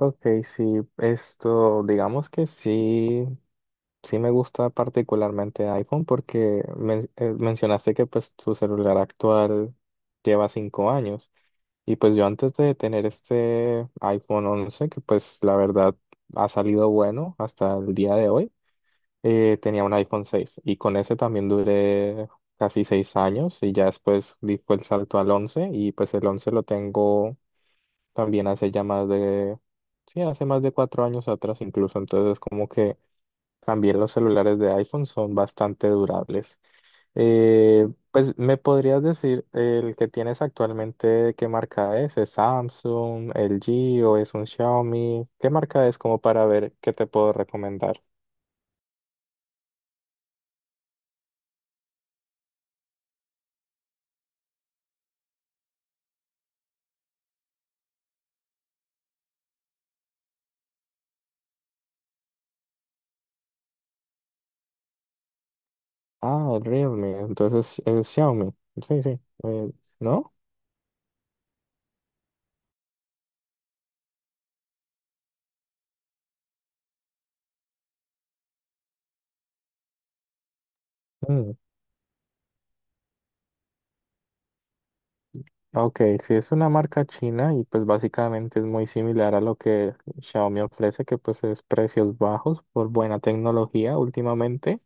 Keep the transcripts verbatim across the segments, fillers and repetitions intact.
Ok, sí, esto, digamos que sí, sí me gusta particularmente iPhone porque men- eh, mencionaste que pues tu celular actual lleva cinco años y pues yo antes de tener este iPhone once que pues la verdad ha salido bueno hasta el día de hoy, eh, tenía un iPhone seis y con ese también duré casi seis años y ya después di fue el salto al once y pues el once lo tengo también hace ya más de, sí, hace más de cuatro años atrás incluso, entonces como que también los celulares de iPhone son bastante durables. Eh, pues me podrías decir, el que tienes actualmente, ¿qué marca es? ¿Es Samsung, L G o es un Xiaomi? ¿Qué marca es como para ver qué te puedo recomendar? Ah, el Realme, entonces es Xiaomi. Sí, sí. eh, ¿no? Ok, sí es una marca china y pues básicamente es muy similar a lo que Xiaomi ofrece, que pues es precios bajos por buena tecnología últimamente.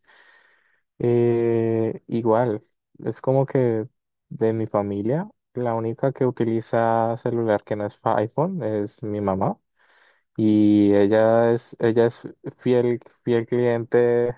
Eh, igual, es como que de mi familia, la única que utiliza celular que no es iPhone es mi mamá y ella es, ella es fiel, fiel cliente.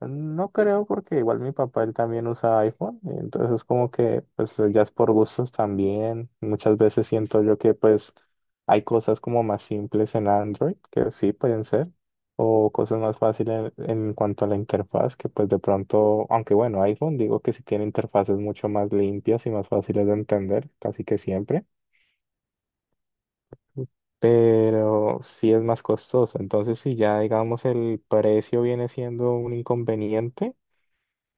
No creo porque igual mi papá él también usa iPhone, y entonces como que pues ya es por gustos también. Muchas veces siento yo que pues hay cosas como más simples en Android que sí pueden ser o cosas más fáciles en, en cuanto a la interfaz que pues de pronto, aunque bueno, iPhone digo que sí tiene interfaces mucho más limpias y más fáciles de entender, casi que siempre. Pero sí es más costoso. Entonces, si ya digamos el precio viene siendo un inconveniente,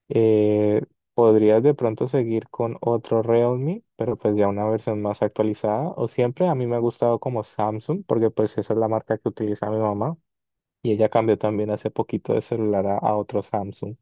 Eh, podrías de pronto seguir con otro Realme, pero pues ya una versión más actualizada. O siempre a mí me ha gustado como Samsung, porque pues esa es la marca que utiliza mi mamá. Y ella cambió también hace poquito de celular a, a otro Samsung.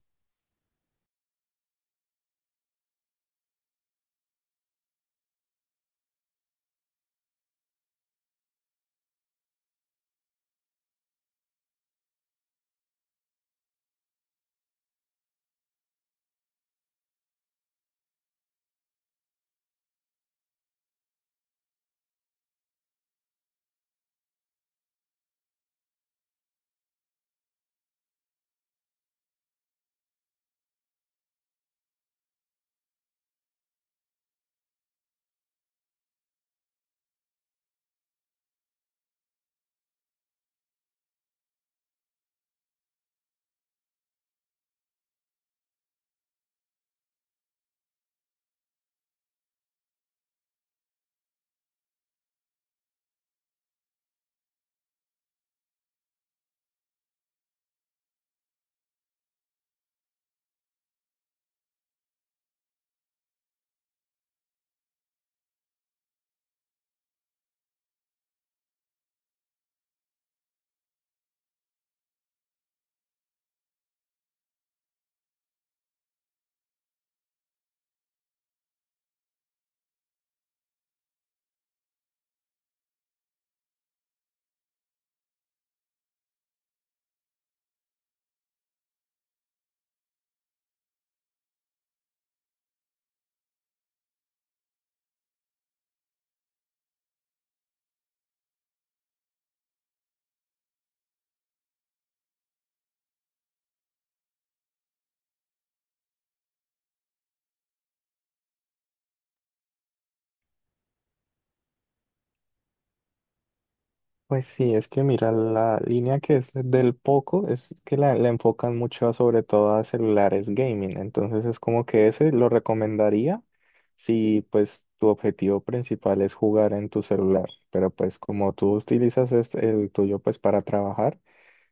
Pues sí, es que mira, la línea que es del Poco es que la, la enfocan mucho sobre todo a celulares gaming, entonces es como que ese lo recomendaría si pues tu objetivo principal es jugar en tu celular, pero pues como tú utilizas es el tuyo pues para trabajar,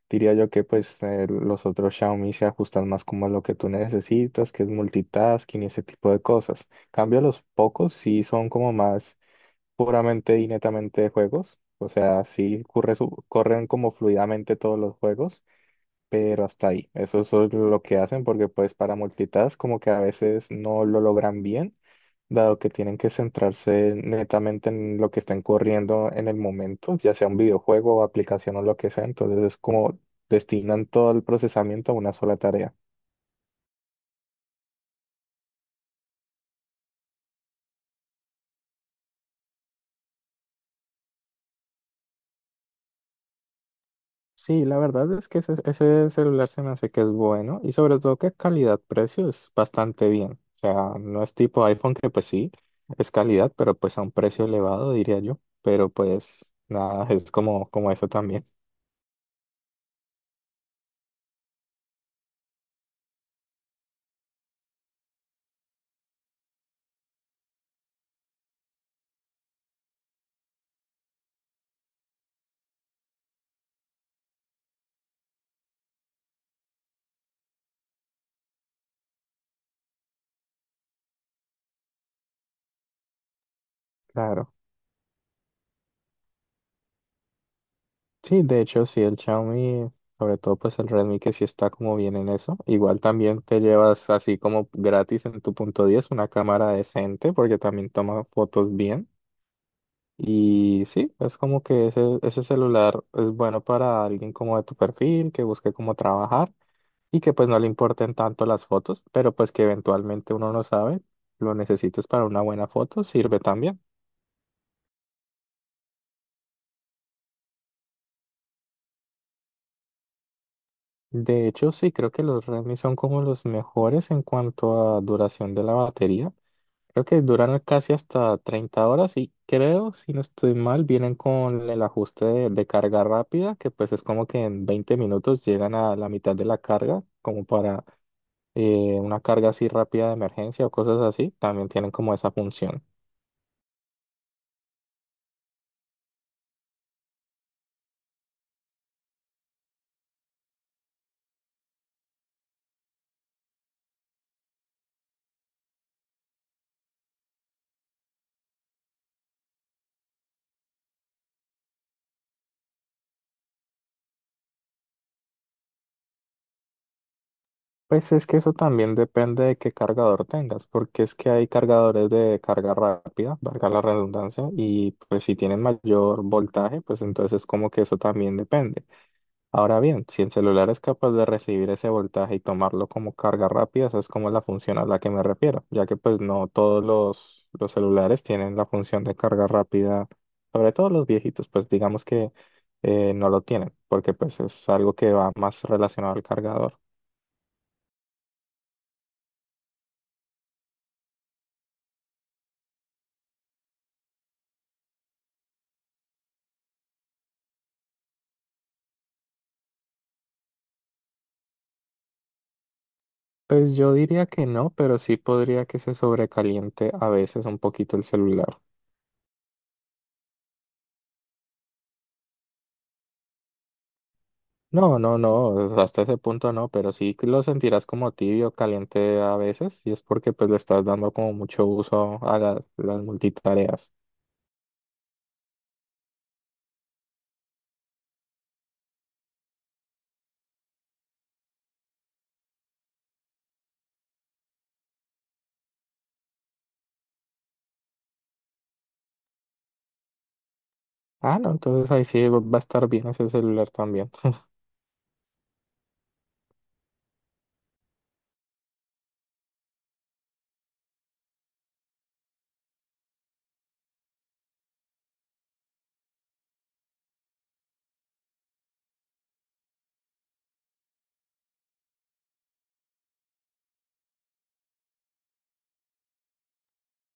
diría yo que pues eh, los otros Xiaomi se ajustan más como a lo que tú necesitas, que es multitasking y ese tipo de cosas. Cambio los Pocos sí son como más puramente y netamente de juegos. O sea, sí corre su- corren como fluidamente todos los juegos, pero hasta ahí. Eso es solo lo que hacen porque pues para multitask como que a veces no lo logran bien, dado que tienen que centrarse netamente en lo que estén corriendo en el momento, ya sea un videojuego o aplicación o lo que sea. Entonces es como destinan todo el procesamiento a una sola tarea. Sí, la verdad es que ese, ese celular se me hace que es bueno y sobre todo que calidad-precio es bastante bien. O sea, no es tipo iPhone que pues sí, es calidad, pero pues a un precio elevado diría yo. Pero pues nada, es como, como eso también. Claro. Sí, de hecho sí, el Xiaomi, sobre todo pues el Redmi que sí está como bien en eso. Igual también te llevas así como gratis en tu punto diez una cámara decente porque también toma fotos bien. Y sí, es como que ese, ese celular es bueno para alguien como de tu perfil, que busque cómo trabajar y que pues no le importen tanto las fotos, pero pues que eventualmente uno no sabe, lo necesites para una buena foto, sirve también. De hecho, sí, creo que los Redmi son como los mejores en cuanto a duración de la batería. Creo que duran casi hasta treinta horas y creo, si no estoy mal, vienen con el ajuste de, de carga rápida, que pues es como que en veinte minutos llegan a la mitad de la carga, como para eh, una carga así rápida de emergencia o cosas así, también tienen como esa función. Pues es que eso también depende de qué cargador tengas, porque es que hay cargadores de carga rápida, valga la redundancia, y pues si tienen mayor voltaje, pues entonces como que eso también depende. Ahora bien, si el celular es capaz de recibir ese voltaje y tomarlo como carga rápida, esa es como la función a la que me refiero, ya que pues no todos los, los celulares tienen la función de carga rápida, sobre todo los viejitos, pues digamos que eh, no lo tienen, porque pues es algo que va más relacionado al cargador. Pues yo diría que no, pero sí podría que se sobrecaliente a veces un poquito el celular. No, no, no, hasta ese punto no, pero sí que lo sentirás como tibio, caliente a veces, y es porque pues le estás dando como mucho uso a la- las multitareas. Ah, no, entonces ahí sí va va a estar bien ese celular también.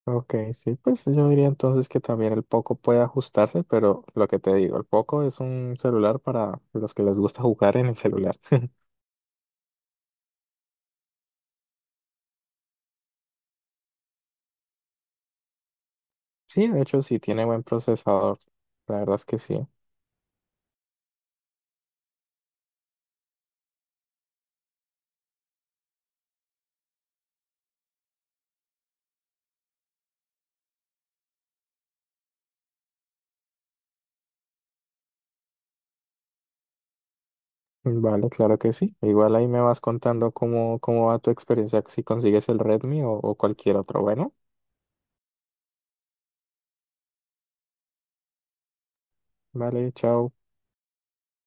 Ok, sí, pues yo diría entonces que también el Poco puede ajustarse, pero lo que te digo, el Poco es un celular para los que les gusta jugar en el celular. Sí, de hecho sí tiene buen procesador, la verdad es que sí. Vale, claro que sí. Igual ahí me vas contando cómo, cómo va tu experiencia, si consigues el Redmi o, o cualquier otro. Bueno, vale, chao.